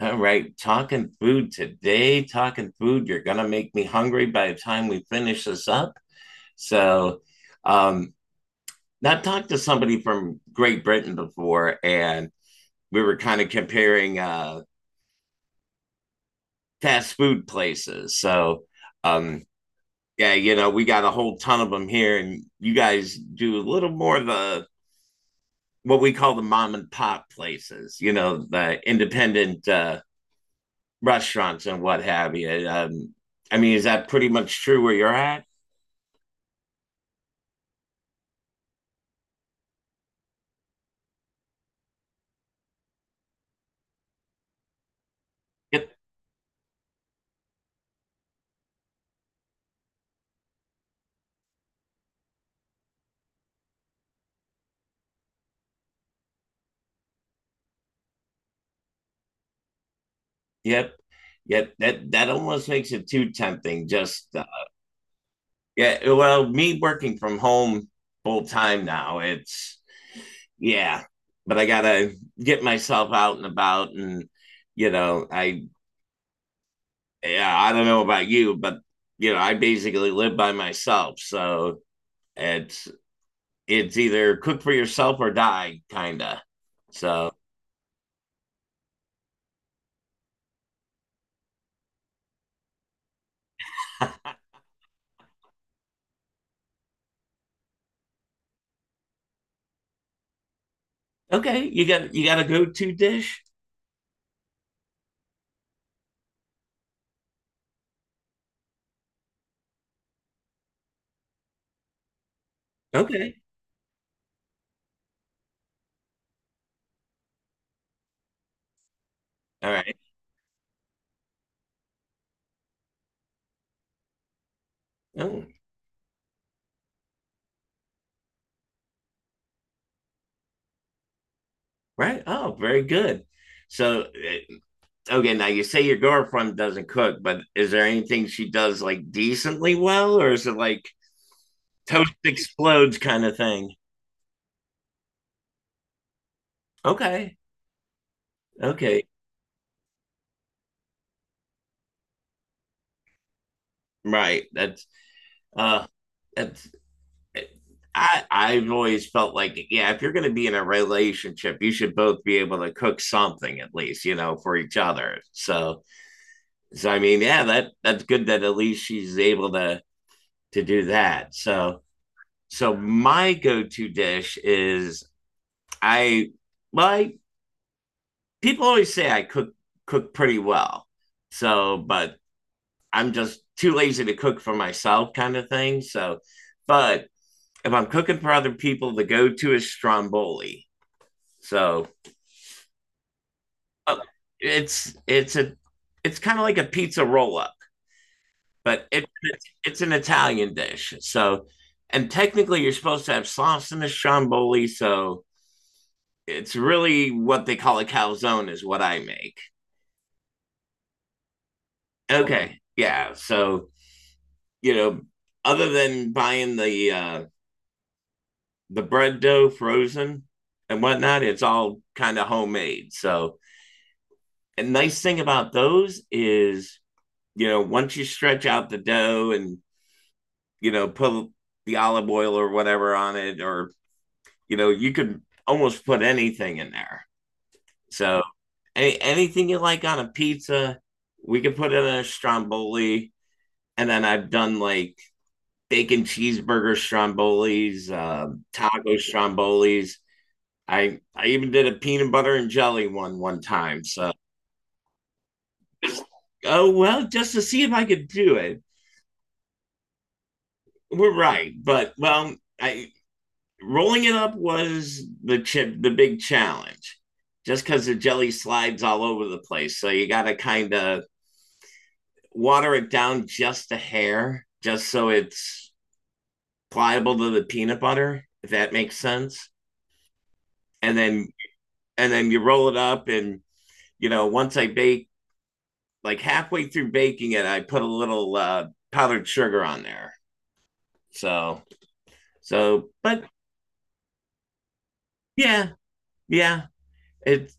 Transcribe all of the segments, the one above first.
All right, talking food today, talking food. You're gonna make me hungry by the time we finish this up. So, um, I talked to somebody from Great Britain before, and we were kind of comparing fast food places. So, um, yeah, you know, we got a whole ton of them here, and you guys do a little more of the what we call the mom and pop places. You know, the independent restaurants and what have you. I mean, is that pretty much true where you're at? Yep, yep, yep. That almost makes it too tempting. Just yeah. Well, me working from home full time now, it's yeah. But I gotta get myself out and about, and you know, I yeah, I don't know about you, but you know, I basically live by myself, so it's it's either cook for yourself or die, kinda. So okay, you got a go-to dish? Okay. All right. Oh, right. Oh, very good. So, okay, now you say your girlfriend doesn't cook, but is there anything she does like decently well, or is it like toast explodes kind of thing? Okay. Okay. Right. Uh that's eh, I've always felt like yeah, if you're going to be in a relationship, you should both be able to cook something at least, you know, for each other. So, so I mean, yeah, that's good that at least she's able to do that. So so my go-to dish is I well, people always say I cook pretty well. So, but I'm just too lazy to cook for myself, kind of thing. So, but if I'm cooking for other people, the go-to is stromboli. So uh, it's it's a it's kind of like a pizza roll-up. But it's, an Italian dish. So, and technically, you're supposed to have sauce in the stromboli. So, it's really what they call a calzone, is what I make. Okay. Yeah. So, you know, other than buying the bread dough frozen and whatnot, it's all kind of homemade. So, a nice thing about those is, you know, once you stretch out the dough and, you know, put the olive oil or whatever on it or you know, you could almost put anything in there. So anything you like on a pizza, we could put in a stromboli. And then I've done like bacon cheeseburger strombolis, taco strombolis. I even did a peanut butter and jelly one one time. So oh well, just to see if I could do it. We're right, but well, I rolling it up was the big challenge just because the jelly slides all over the place so you got to kind of water it down just a hair just so it's pliable to the peanut butter, if that makes sense. And then you roll it up, and you know, once I bake, like halfway through baking it, I put a little powdered sugar on there. So but yeah yeah it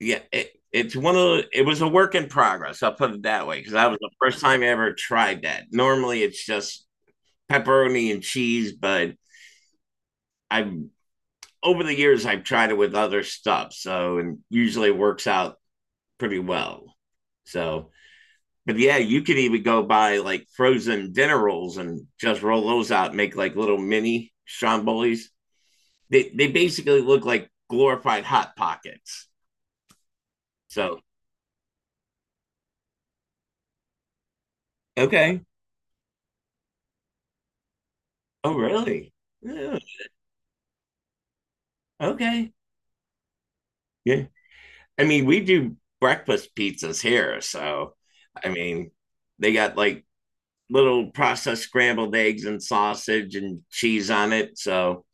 yeah, it's one of it was a work in progress. I'll put it that way because that was the first time I ever tried that. Normally, it's just pepperoni and cheese, but I've over the years I've tried it with other stuff, so and usually it works out pretty well. So, but yeah, you could even go buy like frozen dinner rolls and just roll those out, and make like little mini strombolis. They basically look like glorified hot pockets. So okay, oh really? Yeah, okay. Yeah. I mean, we do breakfast pizzas here. So, I mean, they got like little processed scrambled eggs and sausage and cheese on it. So,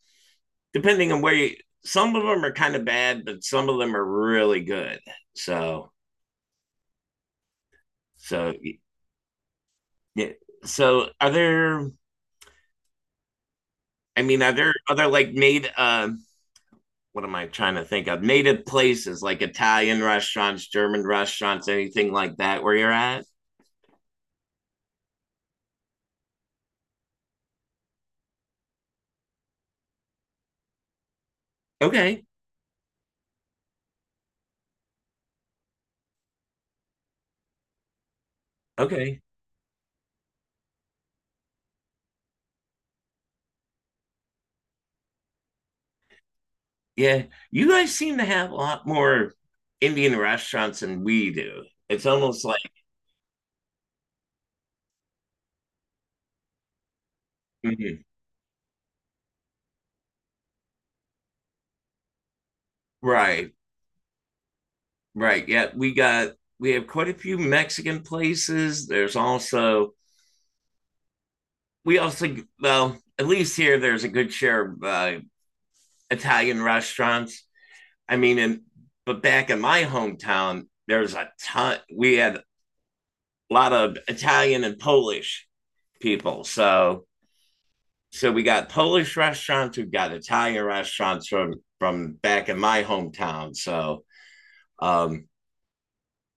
depending on where you, some of them are kind of bad, but some of them are really good. So, so, yeah. So, are there, I mean, are there other like what am I trying to think of? Native places like Italian restaurants, German restaurants, anything like that where you're at? Okay. Okay. Yeah, you guys seem to have a lot more Indian restaurants than we do. It's almost like mhm, right, right. Yeah, we have quite a few Mexican places. There's also we also well, at least here there's a good share of Italian restaurants. I mean, and but back in my hometown, there's a ton. We had a lot of Italian and Polish people, so we got Polish restaurants, we've got Italian restaurants from back in my hometown. So, um,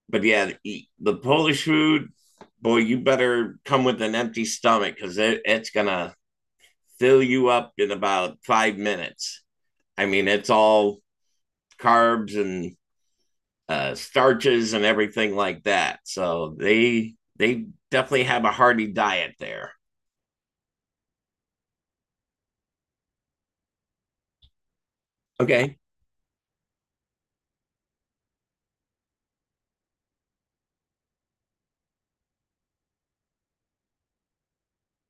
but yeah, the Polish food, boy, you better come with an empty stomach because it's gonna fill you up in about 5 minutes. I mean, it's all carbs and starches and everything like that. So they definitely have a hearty diet there. Okay.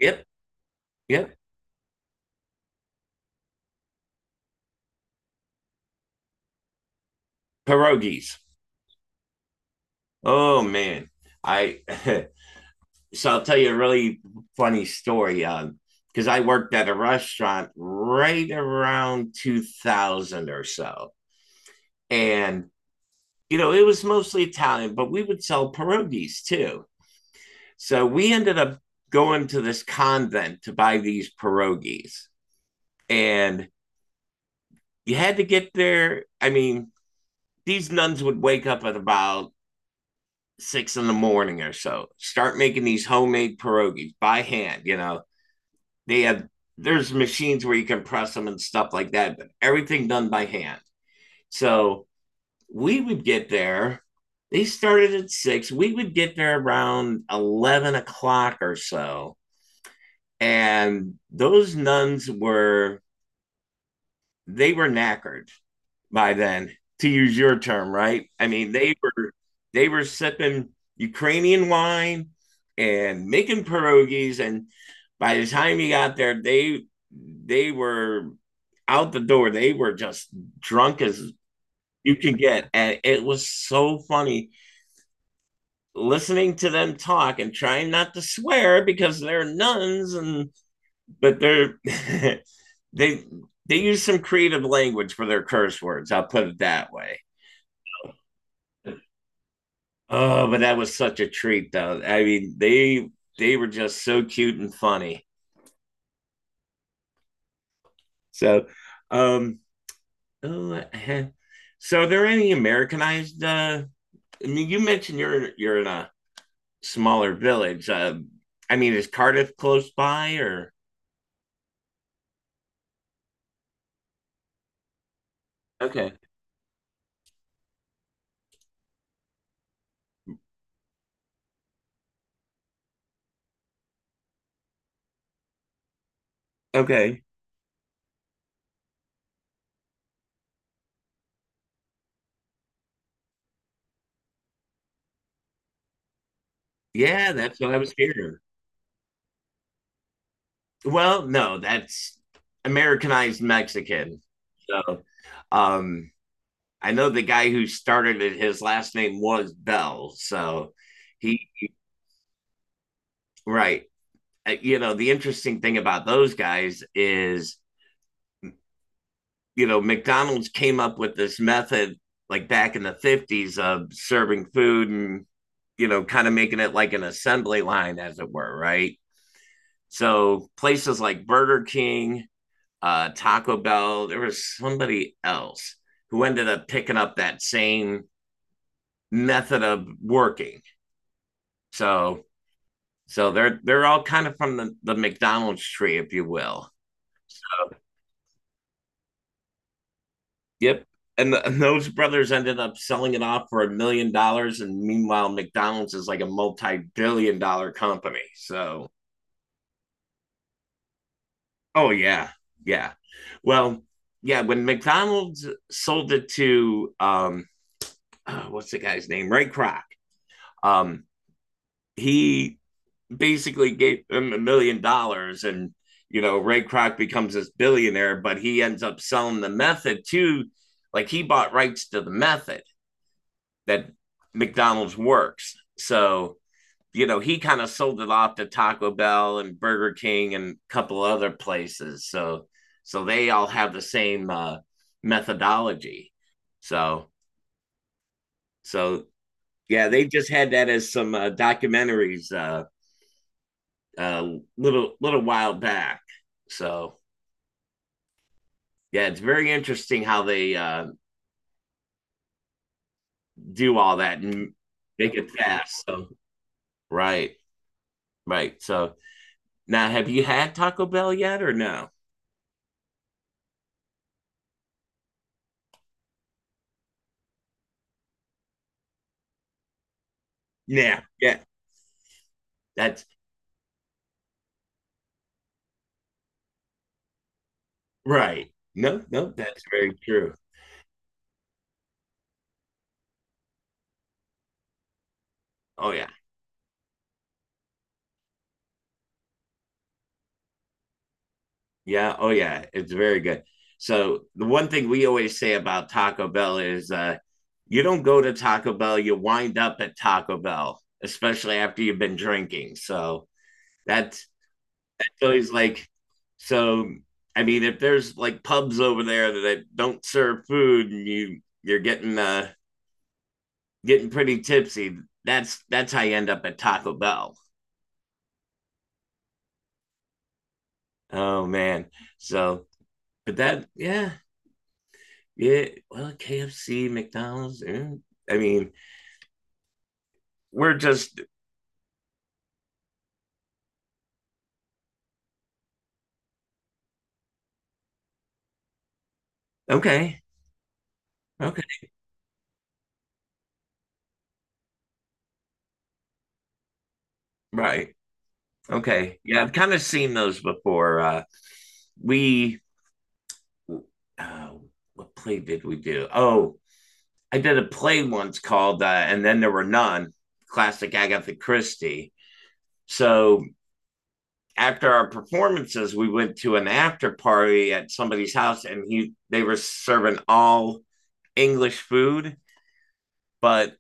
Yep. Yep. Pierogies. Oh man, I. So I'll tell you a really funny story. Because I worked at a restaurant right around 2000 or so, and you know it was mostly Italian, but we would sell pierogies too. So we ended up going to this convent to buy these pierogies, and you had to get there. I mean, these nuns would wake up at about 6 in the morning or so, start making these homemade pierogies by hand, you know. They have There's machines where you can press them and stuff like that, but everything done by hand. So we would get there. They started at 6. We would get there around 11 o'clock or so, and those nuns were knackered by then, to use your term, right? I mean, they were sipping Ukrainian wine and making pierogies, and by the time you got there, they were out the door. They were just drunk as you can get, and it was so funny listening to them talk and trying not to swear because they're nuns and but they're they they use some creative language for their curse words. I'll put it that way. Oh, but that was such a treat, though. I mean, they were just so cute and funny. So, um, oh, so are there any Americanized? I mean, you mentioned you're in a smaller village. I mean, is Cardiff close by or? Okay. Okay. Yeah, that's what I was hearing. Well, no, that's Americanized Mexican. So um I know the guy who started it, his last name was Bell. So he right. You know, the interesting thing about those guys is, you know, McDonald's came up with this method like back in the 50s of serving food and you know, kind of making it like an assembly line, as it were, right? So places like Burger King, Taco Bell. There was somebody else who ended up picking up that same method of working. So they're all kind of from the McDonald's tree, if you will. Yep. And those brothers ended up selling it off for $1 million, and meanwhile, McDonald's is like a multi-billion-dollar company. So, oh yeah, yeah. Well, yeah. When McDonald's sold it to oh, what's the guy's name? Ray Kroc. Um, he basically gave him $1 million, and you know, Ray Kroc becomes this billionaire, but he ends up selling the method too. Like he bought rights to the method that McDonald's works. So, you know, he kind of sold it off to Taco Bell and Burger King and a couple other places. So they all have the same methodology. So so yeah, they just had that as some documentaries a little while back. So yeah, it's very interesting how they do all that and make it fast. So right, right. So now, have you had Taco Bell yet or no? Yeah, yeah. That's right. No, no, that's very true. Oh yeah, yeah. Oh yeah, it's very good. So the one thing we always say about Taco Bell is you don't go to Taco Bell, you wind up at Taco Bell, especially after you've been drinking. So that's so he's like, so I mean, if there's like pubs over there that don't serve food and you're getting getting pretty tipsy, that's how you end up at Taco Bell. Oh man. So but that yeah, yeah. Well, KFC, McDonald's, eh, I mean, we're just okay. Okay. Right. Okay. Yeah, I've kind of seen those before. We uh what play did we do? Oh, I did a play once called And Then There Were None, classic Agatha Christie. So after our performances, we went to an after party at somebody's house, and he they were serving all English food, but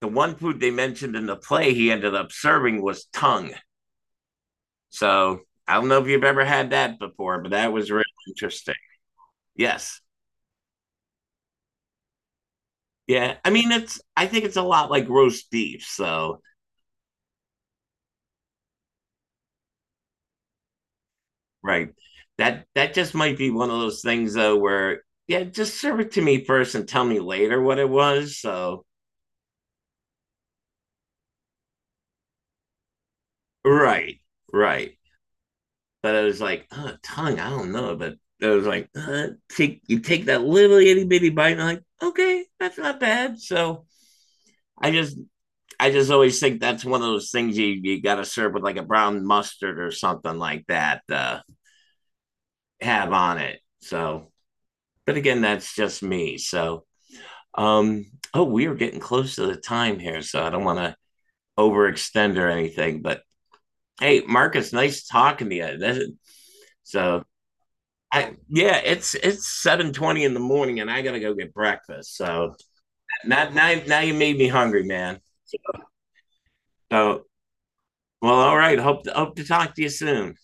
the one food they mentioned in the play he ended up serving was tongue. So I don't know if you've ever had that before, but that was really interesting. Yes. Yeah. I mean, I think it's a lot like roast beef. So right. That just might be one of those things though where yeah, just serve it to me first and tell me later what it was. So right, right. But I was like, oh, tongue, I don't know. But I was like, take you take that little itty bitty bite, and I'm like, okay, that's not bad. So I just I just always think that's one of those things you gotta serve with like a brown mustard or something like that, have on it. So but again, that's just me. So Um, oh, we are getting close to the time here, so I don't want to overextend or anything. But hey, Marcus, nice talking to you. That's, it. So yeah, it's 7:20 in the morning, and I gotta go get breakfast. So now now you made me hungry, man. So well, all right. Hope to talk to you soon.